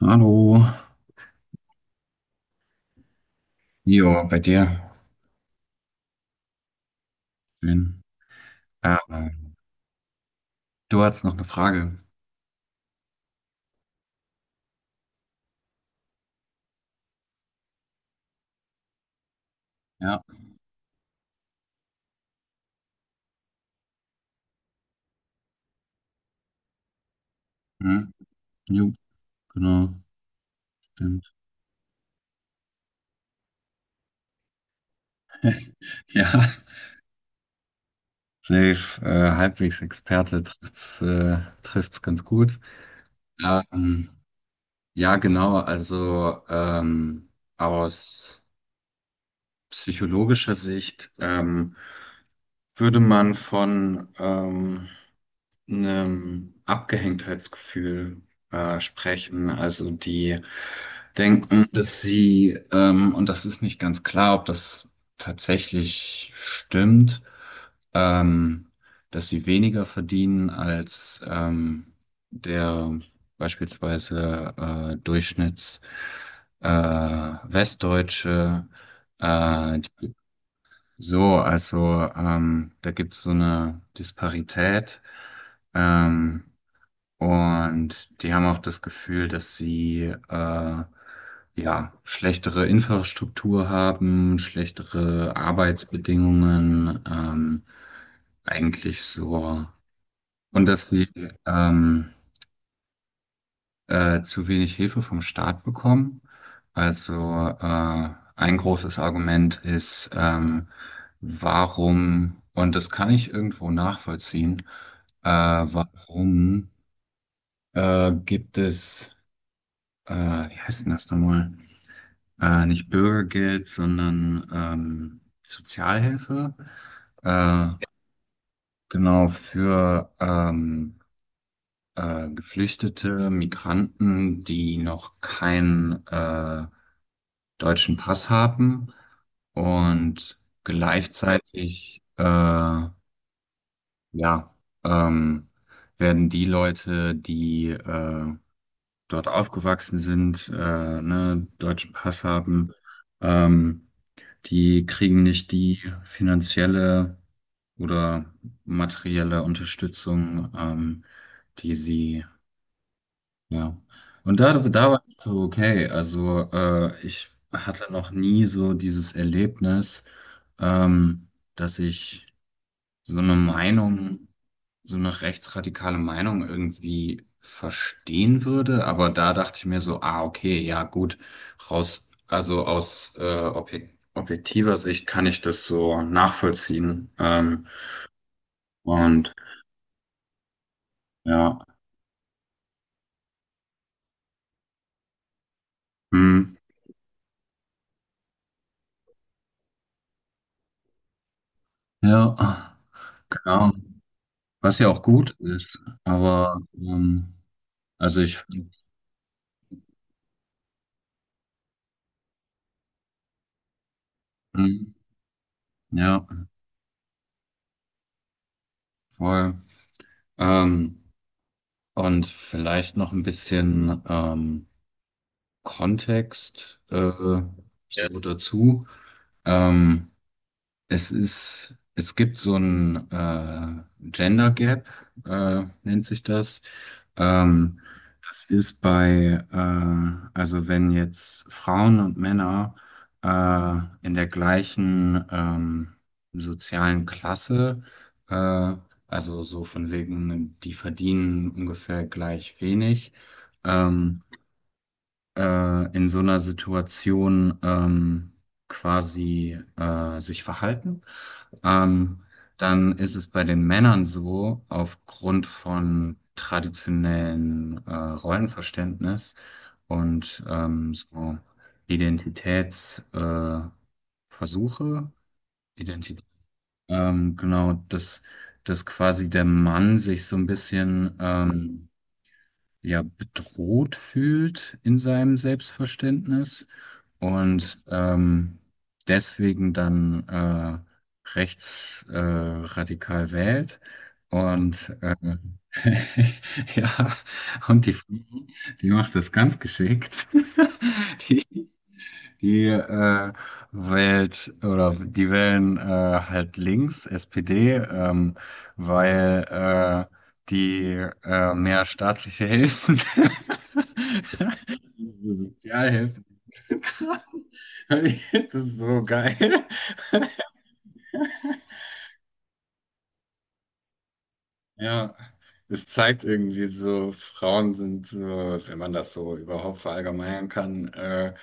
Hallo. Jo, bei dir. Schön. Ah, du hattest noch eine Frage. Ja. Hm. Jo, genau. Stimmt. Ja, safe. Halbwegs Experte trifft's ganz gut. Ähm, ja, genau. Also aus psychologischer Sicht würde man von einem Abgehängtheitsgefühl sprechen. Also die denken, dass sie, und das ist nicht ganz klar, ob das tatsächlich stimmt, ähm, dass sie weniger verdienen als der beispielsweise Durchschnitts Westdeutsche, äh, so, also da gibt es so eine Disparität, ähm, und die haben auch das Gefühl, dass sie ja schlechtere Infrastruktur haben, schlechtere Arbeitsbedingungen, eigentlich so, und dass sie ähm, zu wenig Hilfe vom Staat bekommen. Also äh, ein großes Argument ist, warum, und das kann ich irgendwo nachvollziehen, warum gibt es, wie heißt denn das nochmal? Nicht Bürgergeld, sondern Sozialhilfe. Äh, genau für Geflüchtete, Migranten, die noch kein deutschen Pass haben, und gleichzeitig ja, ähm, werden die Leute, die dort aufgewachsen sind, ne, deutschen Pass haben, ähm, die kriegen nicht die finanzielle oder materielle Unterstützung, die sie. Ja. Und da, da war ich so, okay, also ich hatte noch nie so dieses Erlebnis, ähm, dass ich so eine Meinung, so eine rechtsradikale Meinung irgendwie verstehen würde. Aber da dachte ich mir so, ah, okay, ja, gut, raus, also aus objektiver Sicht kann ich das so nachvollziehen. Und ja, hm, ja, genau. Was ja auch gut ist, aber also ich finde, mhm, ja, voll. Ähm, und vielleicht noch ein bisschen Kontext ja, so dazu. Ähm, es gibt so ein Gender Gap, nennt sich das. Ähm, Das ist bei, also wenn jetzt Frauen und Männer äh, in der gleichen sozialen Klasse, äh, also so von wegen, die verdienen ungefähr gleich wenig, ähm, in so einer Situation quasi sich verhalten. Ähm, Dann ist es bei den Männern so, aufgrund von traditionellen Rollenverständnis und so Identitätsversuche, Versuche, Identität, genau, dass quasi der Mann sich so ein bisschen ja bedroht fühlt in seinem Selbstverständnis und deswegen dann rechts radikal wählt. Und ja, und die Frau, die macht das ganz geschickt. Die, die äh, wählt oder die wählen halt links, SPD, weil äh, die mehr staatliche Hilfen, diese Sozialhilfen, das ist so geil. Ja, es zeigt irgendwie so, Frauen sind so, wenn man das so überhaupt verallgemeinern kann,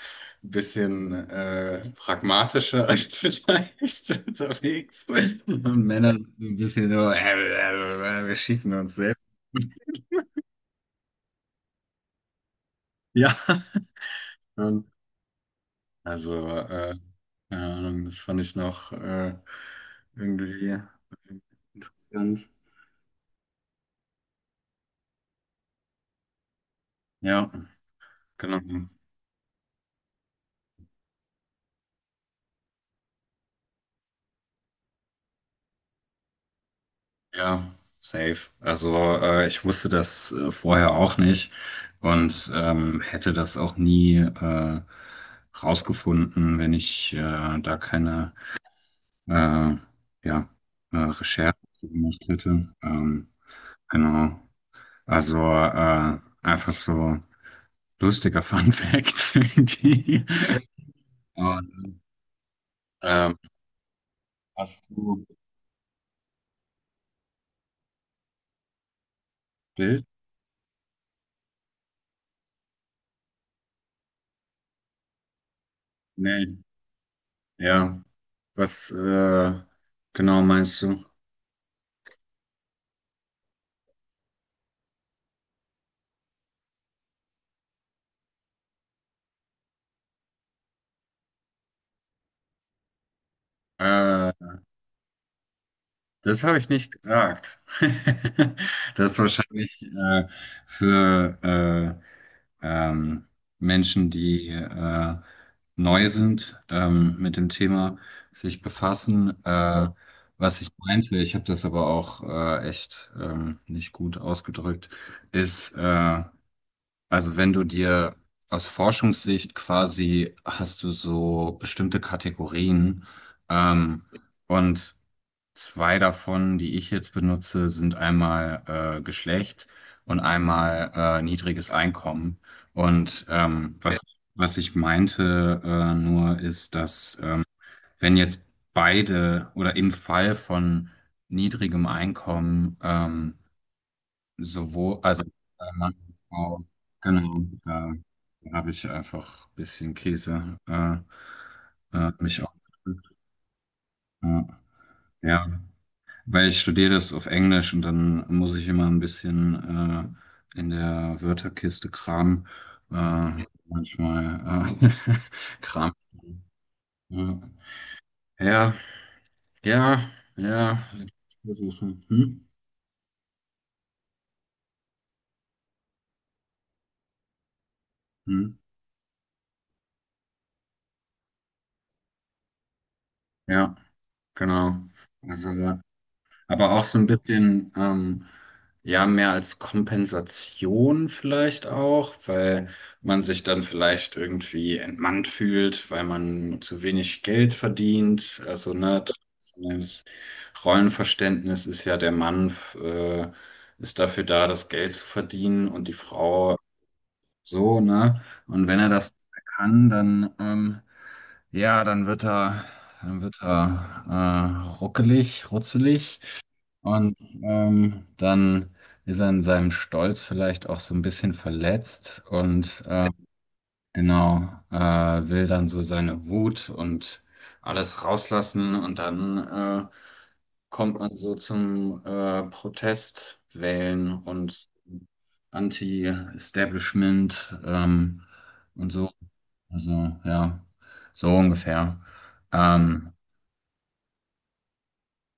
ein bisschen pragmatischer als vielleicht unterwegs. Und Männer sind so ein bisschen so, wir schießen uns selbst. Ja, und also, keine Ahnung, das fand ich noch irgendwie interessant. Ja, genau. Ja, safe. Also ich wusste das vorher auch nicht, und hätte das auch nie rausgefunden, wenn ich da keine äh, ja, Recherche zu gemacht hätte. Genau. Also einfach so lustiger Fun Fact irgendwie. Und, ähm, hast du ein Bild? Nee. Ja. Was genau meinst du? Äh, Das habe ich nicht gesagt. Das ist wahrscheinlich für ähm, Menschen, die neu sind, mit dem Thema sich befassen. Was ich meinte, ich habe das aber auch echt nicht gut ausgedrückt, ist, also wenn du dir aus Forschungssicht quasi hast du so bestimmte Kategorien, ähm, und zwei davon, die ich jetzt benutze, sind einmal Geschlecht und einmal niedriges Einkommen. Und was ich meinte nur ist, dass wenn jetzt beide oder im Fall von niedrigem Einkommen, sowohl, also Mann und Frau, genau, da habe ich einfach ein bisschen Käse mich auch. Ja. Ja. Weil ich studiere das auf Englisch und dann muss ich immer ein bisschen in der Wörterkiste kramen. Manchmal Kram. Ja, ja, ja, ja, versuchen. Hm? Hm? Ja, genau. Also, aber auch so ein bisschen, ja, mehr als Kompensation vielleicht auch, weil man sich dann vielleicht irgendwie entmannt fühlt, weil man zu wenig Geld verdient. Also, ne, das Rollenverständnis ist ja, der Mann, äh, ist dafür da, das Geld zu verdienen, und die Frau so, ne? Und wenn er das kann, dann, ja, dann wird er ruckelig, rutzelig, und dann ist er in seinem Stolz vielleicht auch so ein bisschen verletzt, und genau äh, will dann so seine Wut und alles rauslassen, und dann kommt man so zum Protest wählen und Anti-Establishment, und so. Also, ja, so ungefähr. Ähm,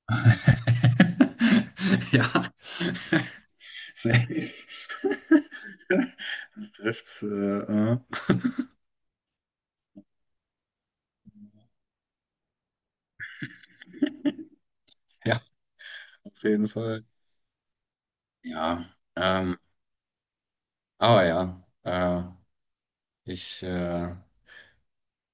ja, safe. Das trifft's. Ja, auf jeden Fall. Ja, ähm, aber ja, ich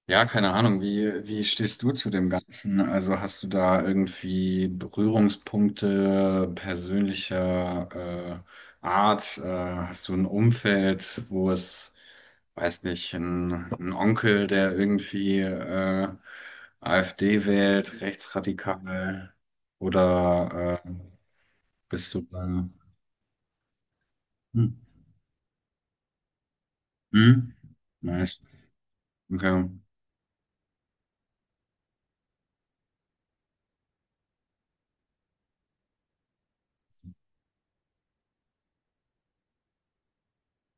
ja, keine Ahnung, wie stehst du zu dem Ganzen? Also hast du da irgendwie Berührungspunkte persönlicher Art? Hast du ein Umfeld, wo es, weiß nicht, ein Onkel, der irgendwie AfD wählt, rechtsradikal? Oder bist du da? Hm. Hm? Nice. Okay.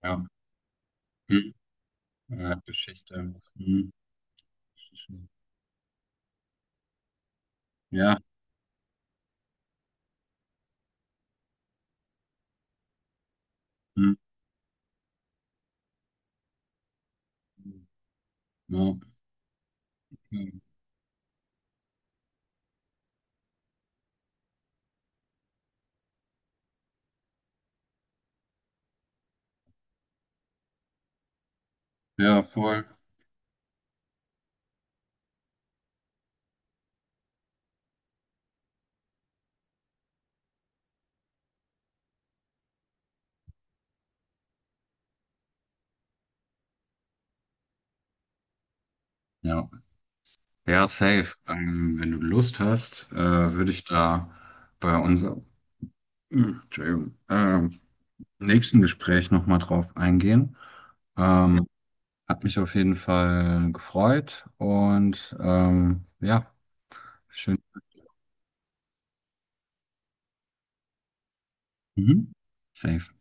Ja. Hm. Geschichte. Hm. Ja. Hm. Ja, ja, voll. Ja, ja, safe. Wenn du Lust hast, würde ich da bei unserem Entschuldigung, nächsten Gespräch nochmal drauf eingehen. Ähm, Hat mich auf jeden Fall gefreut, und ja, schön. Mhm. Safe.